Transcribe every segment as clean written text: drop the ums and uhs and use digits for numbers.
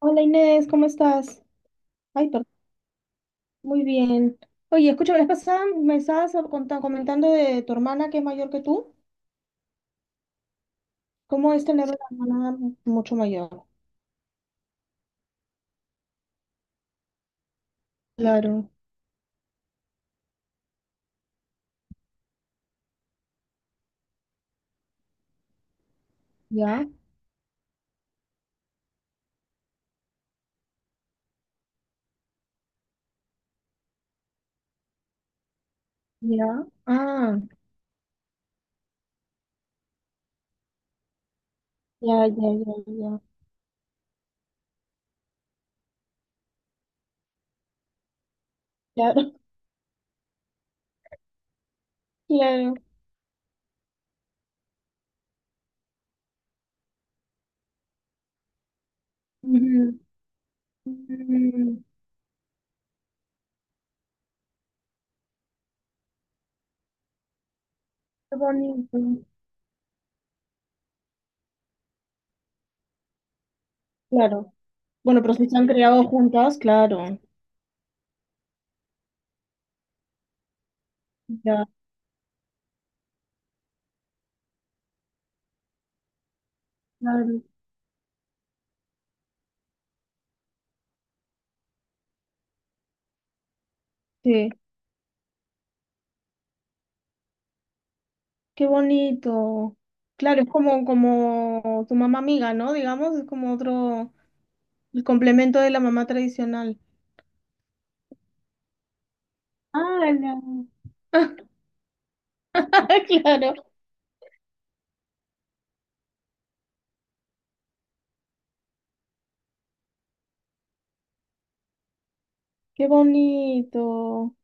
Hola Inés, ¿cómo estás? Ay, perdón, muy bien. Oye, escucha, la vez pasada me estabas comentando de tu hermana que es mayor que tú. ¿Cómo es tener una hermana mucho mayor? Claro, ya, ya. Ah, ya, ya, ya, ya. Claro, claro. Ujú. Mm, qué bonito. Claro. Bueno, pero si se han creado juntas, claro. Ya, claro. Sí, qué bonito. Claro, es como, como tu mamá amiga, ¿no? Digamos, es como otro. El complemento de la mamá tradicional. Ah, la- claro. Qué bonito.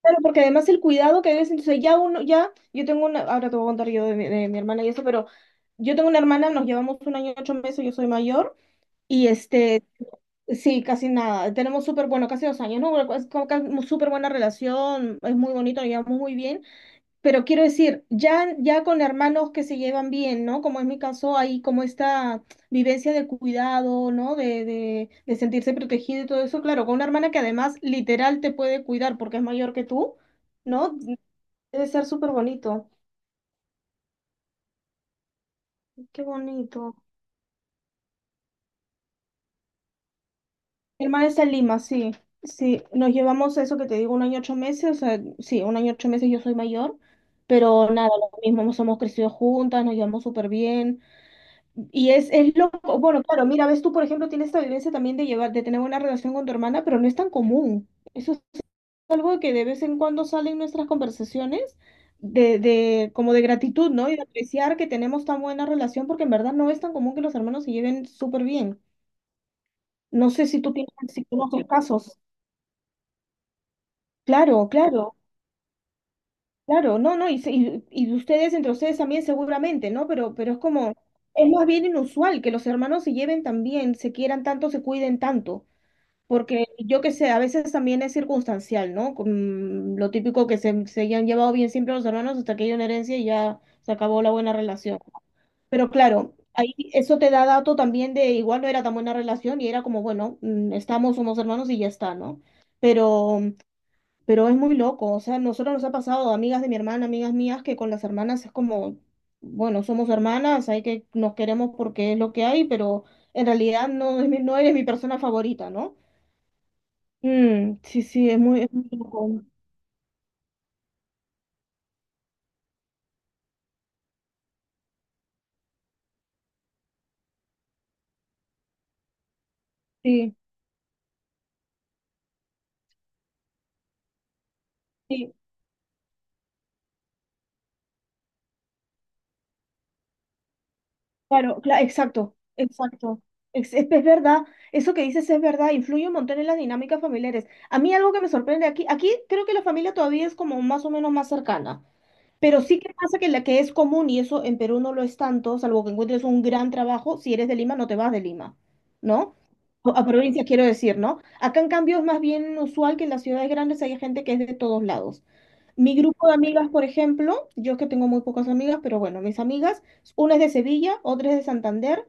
Claro, porque además el cuidado que debes, entonces ya uno, ya, yo tengo una, ahora te voy a contar yo de mi hermana y eso, pero yo tengo una hermana, nos llevamos 1 año y 8 meses, yo soy mayor, y sí, casi nada, tenemos súper, bueno, casi 2 años, ¿no? Es como que súper buena relación, es muy bonito, nos llevamos muy bien. Pero quiero decir, ya, ya con hermanos que se llevan bien, ¿no? Como es mi caso, hay como esta vivencia de cuidado, ¿no? De sentirse protegido y todo eso. Claro, con una hermana que además literal te puede cuidar porque es mayor que tú, ¿no? Debe ser súper bonito. Qué bonito. Mi hermana está en Lima, sí. Sí, nos llevamos eso que te digo, 1 año 8 meses. O sea, sí, 1 año 8 meses yo soy mayor. Pero nada, lo mismo, nos hemos crecido juntas, nos llevamos súper bien. Y es loco, bueno, claro, mira, ves tú, por ejemplo, tienes esta vivencia también de llevar, de tener una relación con tu hermana, pero no es tan común. Eso es algo que de vez en cuando sale en nuestras conversaciones de, como de gratitud, ¿no? Y de apreciar que tenemos tan buena relación, porque en verdad no es tan común que los hermanos se lleven súper bien. No sé si tú tienes, si conoces casos. Claro, claro, claro, no, no, y, y ustedes, entre ustedes también seguramente, ¿no? Pero es como, es más bien inusual que los hermanos se lleven tan bien, se quieran tanto, se cuiden tanto. Porque yo que sé, a veces también es circunstancial, ¿no? Con lo típico que se han llevado bien siempre los hermanos hasta que hay una herencia y ya se acabó la buena relación. Pero claro, ahí eso te da dato también de igual no era tan buena relación y era como, bueno, estamos, somos hermanos y ya está, ¿no? Pero, pero es muy loco, o sea, a nosotros nos ha pasado, amigas de mi hermana, amigas mías, que con las hermanas es como, bueno, somos hermanas, hay que, nos queremos porque es lo que hay, pero en realidad no, es no eres mi persona favorita, ¿no? Mm, sí, sí, es muy loco. Sí, sí, claro, exacto, exacto. Es, es verdad, eso que dices es verdad, influye un montón en las dinámicas familiares. A mí algo que me sorprende aquí, aquí creo que la familia todavía es como más o menos más cercana. Pero sí que pasa que la que es común, y eso en Perú no lo es tanto, salvo que encuentres un gran trabajo, si eres de Lima, no te vas de Lima, ¿no? A provincias quiero decir, ¿no? Acá en cambio es más bien usual que en las ciudades grandes haya gente que es de todos lados. Mi grupo de amigas, por ejemplo, yo es que tengo muy pocas amigas, pero bueno, mis amigas, una es de Sevilla, otra es de Santander,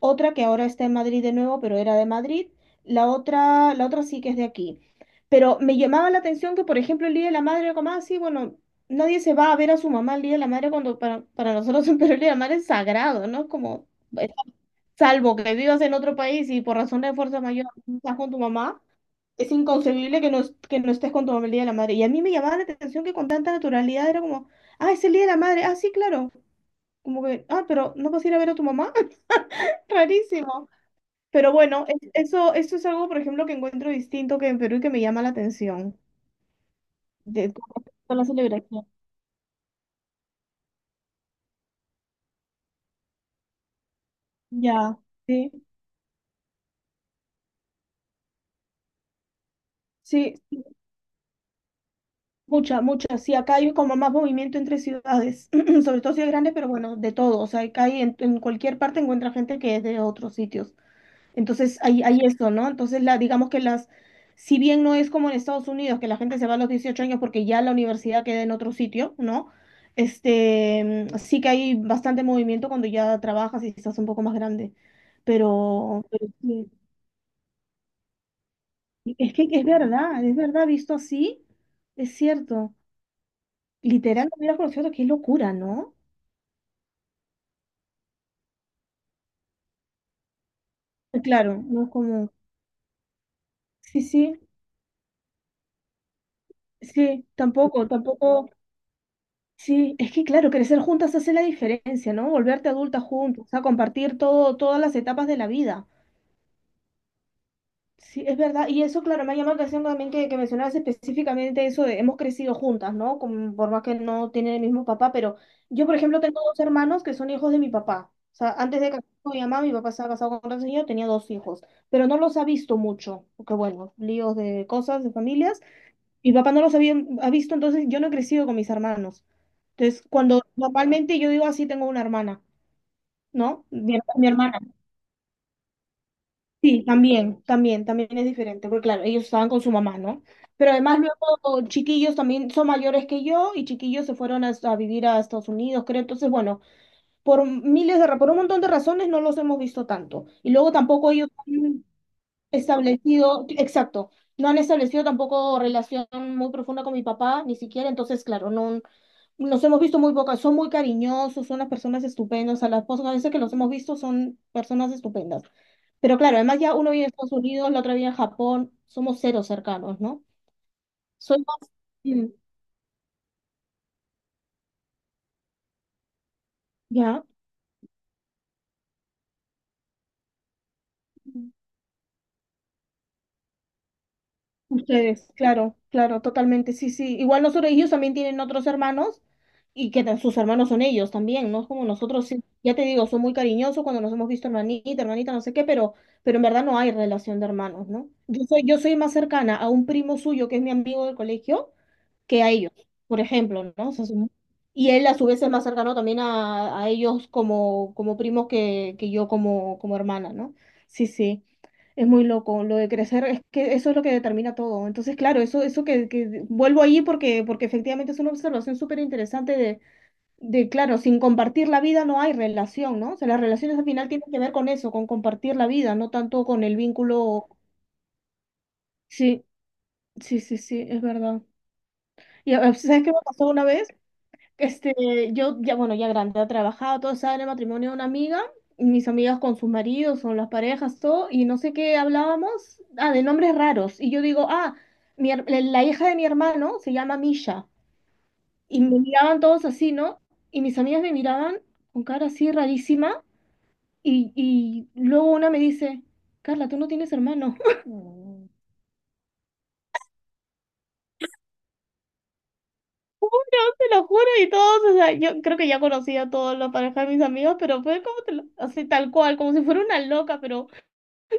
otra que ahora está en Madrid de nuevo, pero era de Madrid, la otra sí que es de aquí. Pero me llamaba la atención que, por ejemplo, el Día de la Madre, como así, bueno, nadie se va a ver a su mamá el Día de la Madre cuando para nosotros en Perú el Día de la Madre es sagrado, ¿no? Es como, eh, salvo que vivas en otro país y por razón de fuerza mayor no estás con tu mamá, es inconcebible que no, que no estés con tu mamá el Día de la Madre. Y a mí me llamaba la atención que con tanta naturalidad era como, ah, es el Día de la Madre, ah, sí, claro. Como que, ah, pero ¿no vas a ir a ver a tu mamá? Rarísimo. Pero bueno, eso, eso es algo, por ejemplo, que encuentro distinto que en Perú y que me llama la atención. De, con respecto a la celebración. Ya, sí. Sí, mucha, mucha. Sí, acá hay como más movimiento entre ciudades, sobre todo ciudades grandes, pero bueno, de todo. O sea, acá hay en cualquier parte encuentra gente que es de otros sitios. Entonces, hay eso, ¿no? Entonces, la, digamos que las, si bien no es como en Estados Unidos, que la gente se va a los 18 años porque ya la universidad queda en otro sitio, ¿no? Este, sí que hay bastante movimiento cuando ya trabajas y estás un poco más grande. Pero sí, es que es verdad, visto así, es cierto. Literal, no hubiera conocido, qué locura, ¿no? Claro, no es como, sí, sí, sí, tampoco, tampoco, sí, es que claro, crecer juntas hace la diferencia, ¿no? Volverte adulta juntos, o sea, compartir todo, todas las etapas de la vida. Sí, es verdad. Y eso, claro, me ha llamado la atención también que mencionabas específicamente eso de hemos crecido juntas, ¿no? Como, por más que no tienen el mismo papá, pero yo, por ejemplo, tengo 2 hermanos que son hijos de mi papá. O sea, antes de casarme con mi mamá, mi papá estaba casado con otra señora, tenía 2 hijos, pero no los ha visto mucho, porque bueno, líos de cosas, de familias. Mi papá no los había, ha visto, entonces yo no he crecido con mis hermanos. Entonces, cuando normalmente yo digo así, tengo una hermana, ¿no? Mi, mi hermana. Sí, también, también, también es diferente, porque claro, ellos estaban con su mamá, ¿no? Pero además luego chiquillos también son mayores que yo y chiquillos se fueron a vivir a Estados Unidos, creo. Entonces, bueno, por miles de, por un montón de razones no los hemos visto tanto. Y luego tampoco ellos han establecido, exacto, no han establecido tampoco relación muy profunda con mi papá, ni siquiera. Entonces, claro, no, los hemos visto muy pocas, son muy cariñosos, son unas personas estupendas, a las pocas veces que los hemos visto son personas estupendas. Pero claro, además ya uno vive en Estados Unidos, la otra vive en Japón, somos cero cercanos, ¿no? Soy más... Mm, ¿ya? Ustedes, claro, claro, totalmente, sí, sí. Igual nosotros, ellos también tienen otros hermanos y que sus hermanos son ellos también, ¿no? Es como nosotros, sí. Ya te digo, son muy cariñosos cuando nos hemos visto hermanita, hermanita, no sé qué, pero en verdad no hay relación de hermanos, ¿no? Yo soy más cercana a un primo suyo que es mi amigo del colegio que a ellos, por ejemplo, ¿no? O sea, y él a su vez es más cercano también a ellos como, como primos que yo como, como hermana, ¿no? Sí, sí. Es muy loco, lo de crecer, es que eso es lo que determina todo. Entonces, claro, eso que, vuelvo ahí porque, porque efectivamente es una observación súper interesante de, claro, sin compartir la vida no hay relación, ¿no? O sea, las relaciones al final tienen que ver con eso, con compartir la vida, no tanto con el vínculo. Sí, sí, sí, sí, es verdad. Y ah, ¿sabes qué me pasó una vez? Este, yo ya, bueno, ya grande, ha trabajado, todo estaba en el matrimonio de una amiga, y mis amigas con sus maridos, con las parejas, todo, y no sé qué hablábamos, ah, de nombres raros, y yo digo, ah, mi la hija de mi hermano se llama Misha, y me miraban todos así, ¿no? Y mis amigas me miraban con cara así rarísima, y luego una me dice, Carla, tú no tienes hermano. Mm. Te lo juro, y todos, o sea, yo creo que ya conocía a todos los parejas de mis amigos, pero fue como, así tal cual, como si fuera una loca, pero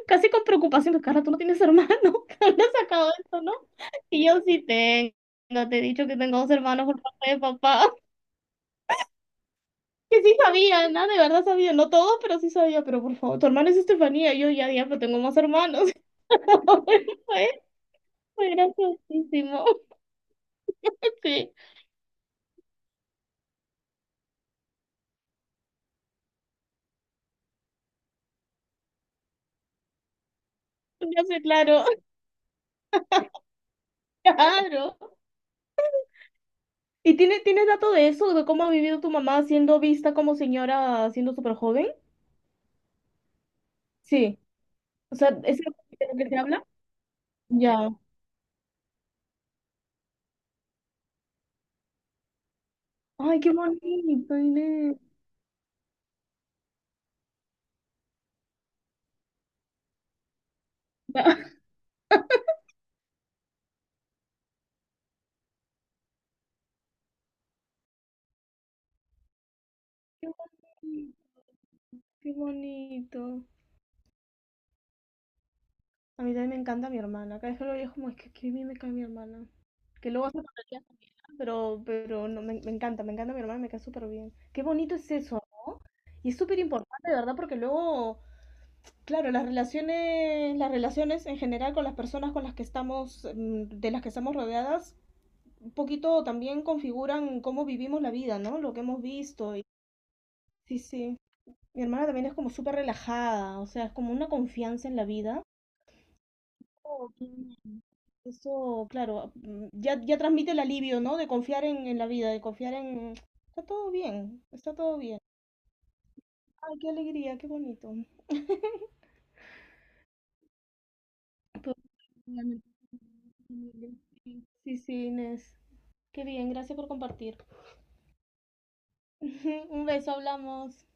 casi con preocupación, Carla, tú no tienes hermano, ¿dónde has sacado eso, no? Y yo sí tengo, te he dicho que tengo dos hermanos por parte de papá, que sí sabía, nada, de verdad sabía, no todos, pero sí sabía, pero por favor, tu hermana es Estefanía, y yo ya, ya, pero tengo más hermanos, fue, fue graciosísimo, sí, ya sé, claro, claro. ¿Y tiene, tienes dato de eso, de cómo ha vivido tu mamá siendo vista como señora, siendo súper joven? Sí, o sea, ¿es lo que te habla? Ya. Ay, qué bonito, Inés. Qué qué bonito. A mí también me encanta mi hermana. Cada vez que lo veo es como, es que qué bien me cae mi hermana. Que luego hace tonterías también, ¿no? Pero no, me, me encanta mi hermana, me cae súper bien. Qué bonito es eso, ¿no? Y es súper importante, de verdad, porque luego, claro, las relaciones en general con las personas con las que estamos, de las que estamos rodeadas, un poquito también configuran cómo vivimos la vida, ¿no? Lo que hemos visto. Y, sí, sí. Mi hermana también es como súper relajada, o sea, es como una confianza en la vida. Oh, qué bien. Eso, claro, ya, ya transmite el alivio, ¿no? De confiar en la vida, de confiar en... Está todo bien, está todo bien. Ay, qué alegría, qué bonito. Pero- Realmente, sí, sí, Inés. Qué bien, gracias por compartir. Un beso, hablamos.